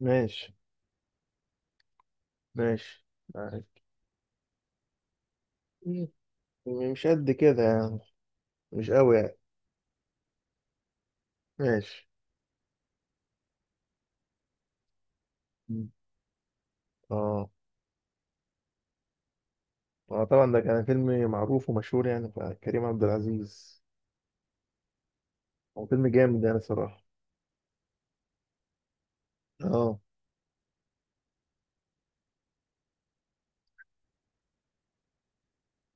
ماشي. ماشي. معاك. م- مش قد كده يعني. مش قوي يعني. ماشي. م. اه، اه، طبعا ده كان فيلم معروف ومشهور يعني بتاع كريم عبد العزيز. هو فيلم جامد يعني صراحة. اه.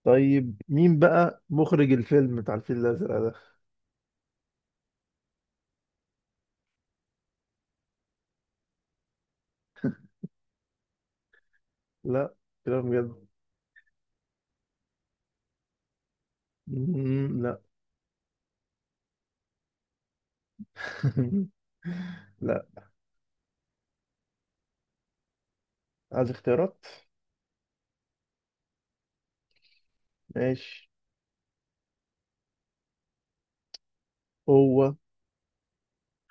طيب مين بقى مخرج الفيلم بتاع الفيل الأزرق ده؟ لا، كلام بجد. مم، لا. لا، عايز اختيارات. ماشي. هو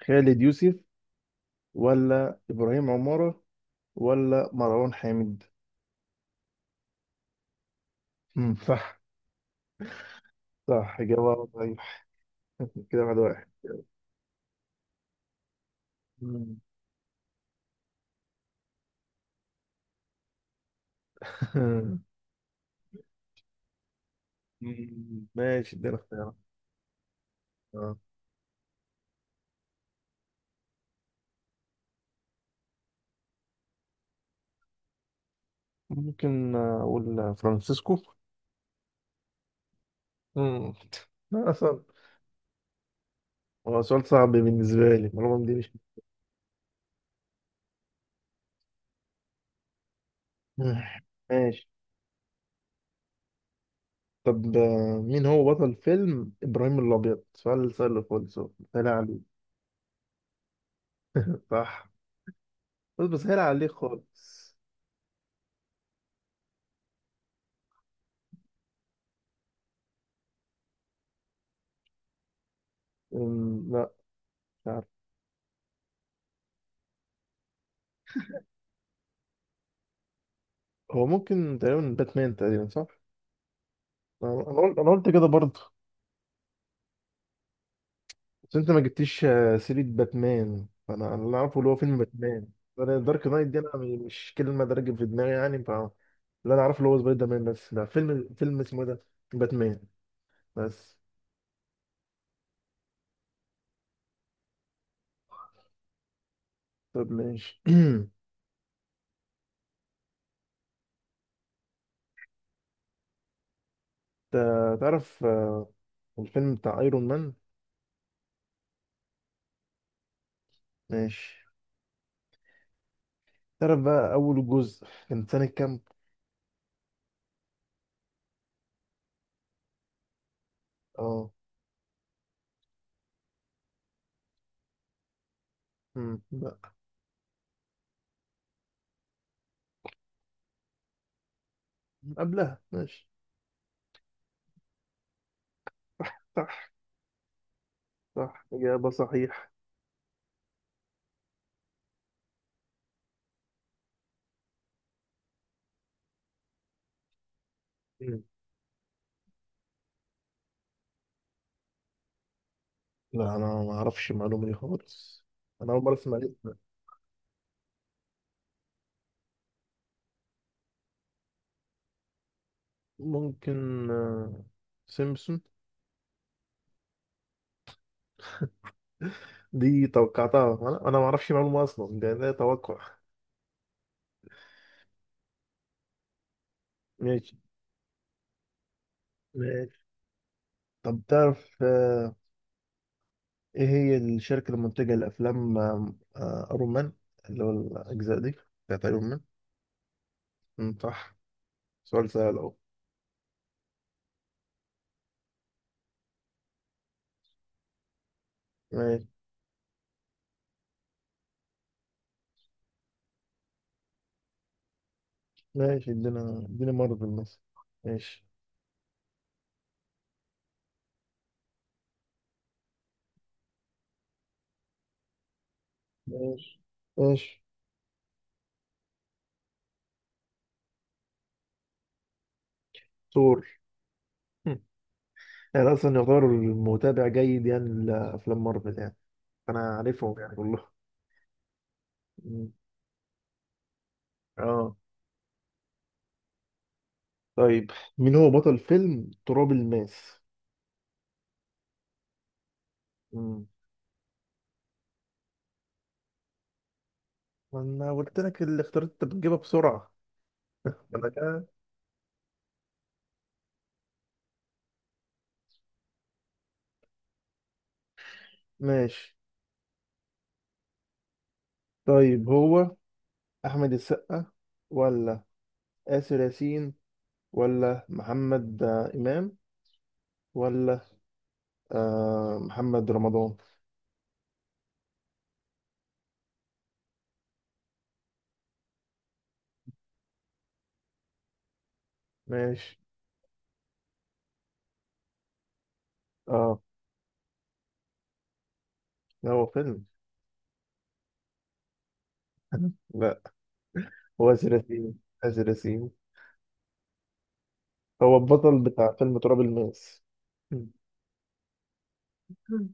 خالد يوسف ولا إبراهيم عمارة ولا مروان حامد. مم، صح. صح، إجابة صحيح. كده واحد واحد. مم. مم. ماشي، ادينا اختيارات. آه. ممكن أقول فرانسيسكو. مم. لا أصلا. هو سؤال صعب بالنسبة لي، المعلومة دي مش. مم. ماشي. طب مين هو بطل فيلم إبراهيم الأبيض؟ سؤال سهل خالص أهو. سهل عليك. صح. بس بسهل عليك خالص. لا، مش عارف. هو ممكن تقريبا باتمان، تقريبا صح؟ أنا قلت كده برضه. بس انت ما جبتيش سيرة باتمان، فانا اللي اعرفه اللي هو فيلم باتمان. انا دارك نايت دي انا مش كلمة راكب في دماغي يعني، ف اللي انا اعرفه اللي هو سبايدر مان. بس لا، فيلم اسمه إيه ده، باتمان بس. طب ماشي. تعرف الفيلم بتاع ايرون مان؟ ماشي. تعرف بقى اول جزء كان سنة كام؟ اه. مم، لا، قبلها. ماشي. صح. صح، اجابة صحيح. مم. لا انا ما اعرفش المعلومة دي خالص. انا اول مرة اسمع. ممكن، سيمبسون. دي توقعتها، انا ما اعرفش معلومه اصلا، ده توقع. ماشي. ماشي. طب تعرف ايه هي الشركه المنتجه لافلام ايرون مان، اللي هو الاجزاء دي بتاعت ايرون مان؟ أمم، صح، سؤال سهل اهو. ماشي. ماشي، ادينا مارفل مثلا. ماشي. ماشي. ماشي. ثور. هم. يعني اصلا يعتبر متابع جيد يعني لافلام مارفل يعني، انا عارفهم يعني كلهم. أمم. اه. طيب مين هو بطل فيلم تراب الماس؟ مم. ما انا قلت لك الاختيارات انت بتجيبها بسرعه. انا كده. ماشي. طيب، هو احمد السقا ولا آسر ياسين ولا محمد امام، ولا محمد رمضان؟ ماشي. اه. لا، هو فيلم. لا. هو آسر ياسين، آسر ياسين هو البطل بتاع فيلم تراب الماس. مم.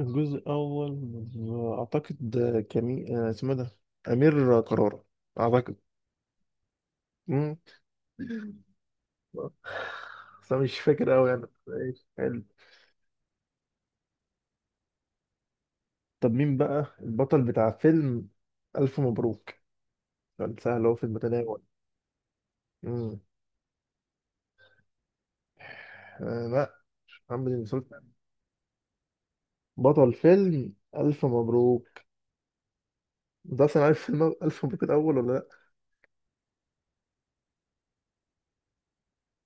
الجزء الأول. أعتقد كمي، اسمه إيه ده، أمير كرارة، أعتقد. مم. بس أنا مش فاكر أوي يعني. إيش. حلو. طب مين بقى البطل بتاع فيلم ألف مبروك؟ كان سهل، هو في المتناول. مم. آه، لا. محمد المسلسل، بطل فيلم ألف مبروك. أنت أصلا عارف فيلم ألف مبروك الأول ولا لأ؟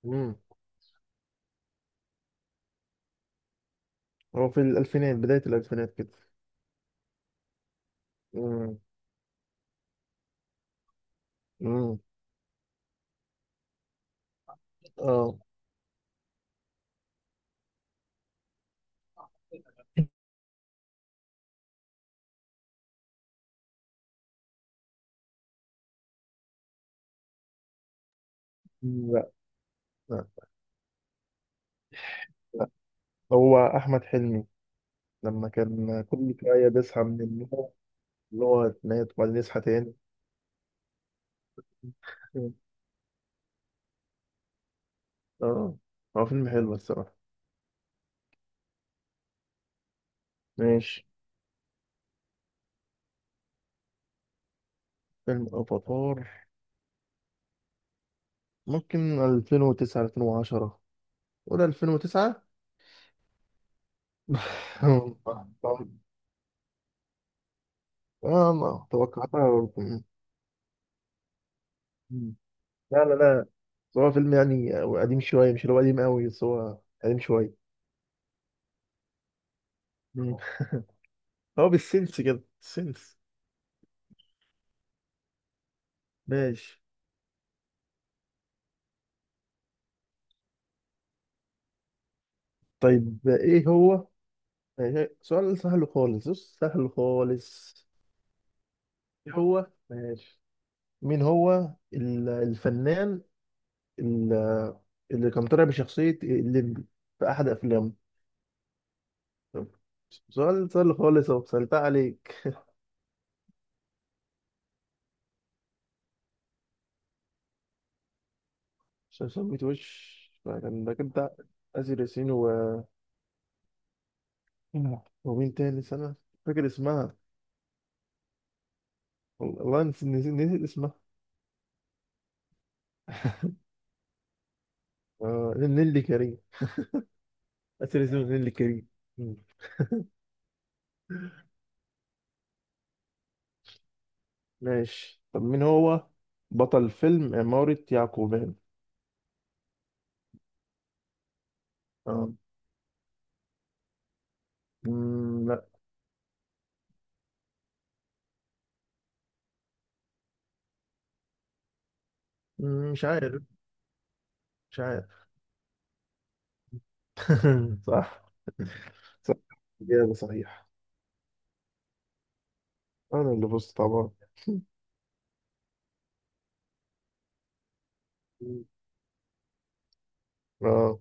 مم. هو في الألفينات، بداية الألفينات كده. مم. مم. آه، لا، لا، لا. هو أحمد حلمي، لما كان كل شوية بيصحى من النوم، اللي هو يتنيط وبعدين يصحى تاني. اه، هو فيلم حلو الصراحة. ماشي. فيلم أفاتار، ممكن 2009، 2010، ولا 2009. اه، ما توقعتها برضه. مم. لا، لا، لا. بس هو فيلم يعني قديم شوية، مش اللي هو قديم قوي، بس هو قديم شوية. مم. هو بالسنس كده، السنس. ماشي. طيب، ايه هو. ماشي سؤال سهل خالص، بص سهل خالص. إيه هو، ماشي. مين هو الفنان، ال- اللي كان طالع بشخصية الليمبي في أحد أفلامه؟ طب، سؤال سهل خالص أهو، سألتها عليك. عشان سميت وش كان ده، كنت آسر ياسين و... ومين تاني سنة، فاكر اسمها، والله نسيت اسمها. آه، نيللي كريم. آسر ياسين ونيللي كريم. مم. ماشي، طب مين هو بطل فيلم عمارة يعقوبيان؟ اه. مم، لا. مش عارف. مش عارف. صح. صح، إجابة صحيح. أنا اللي فزت طبعا. مم. اه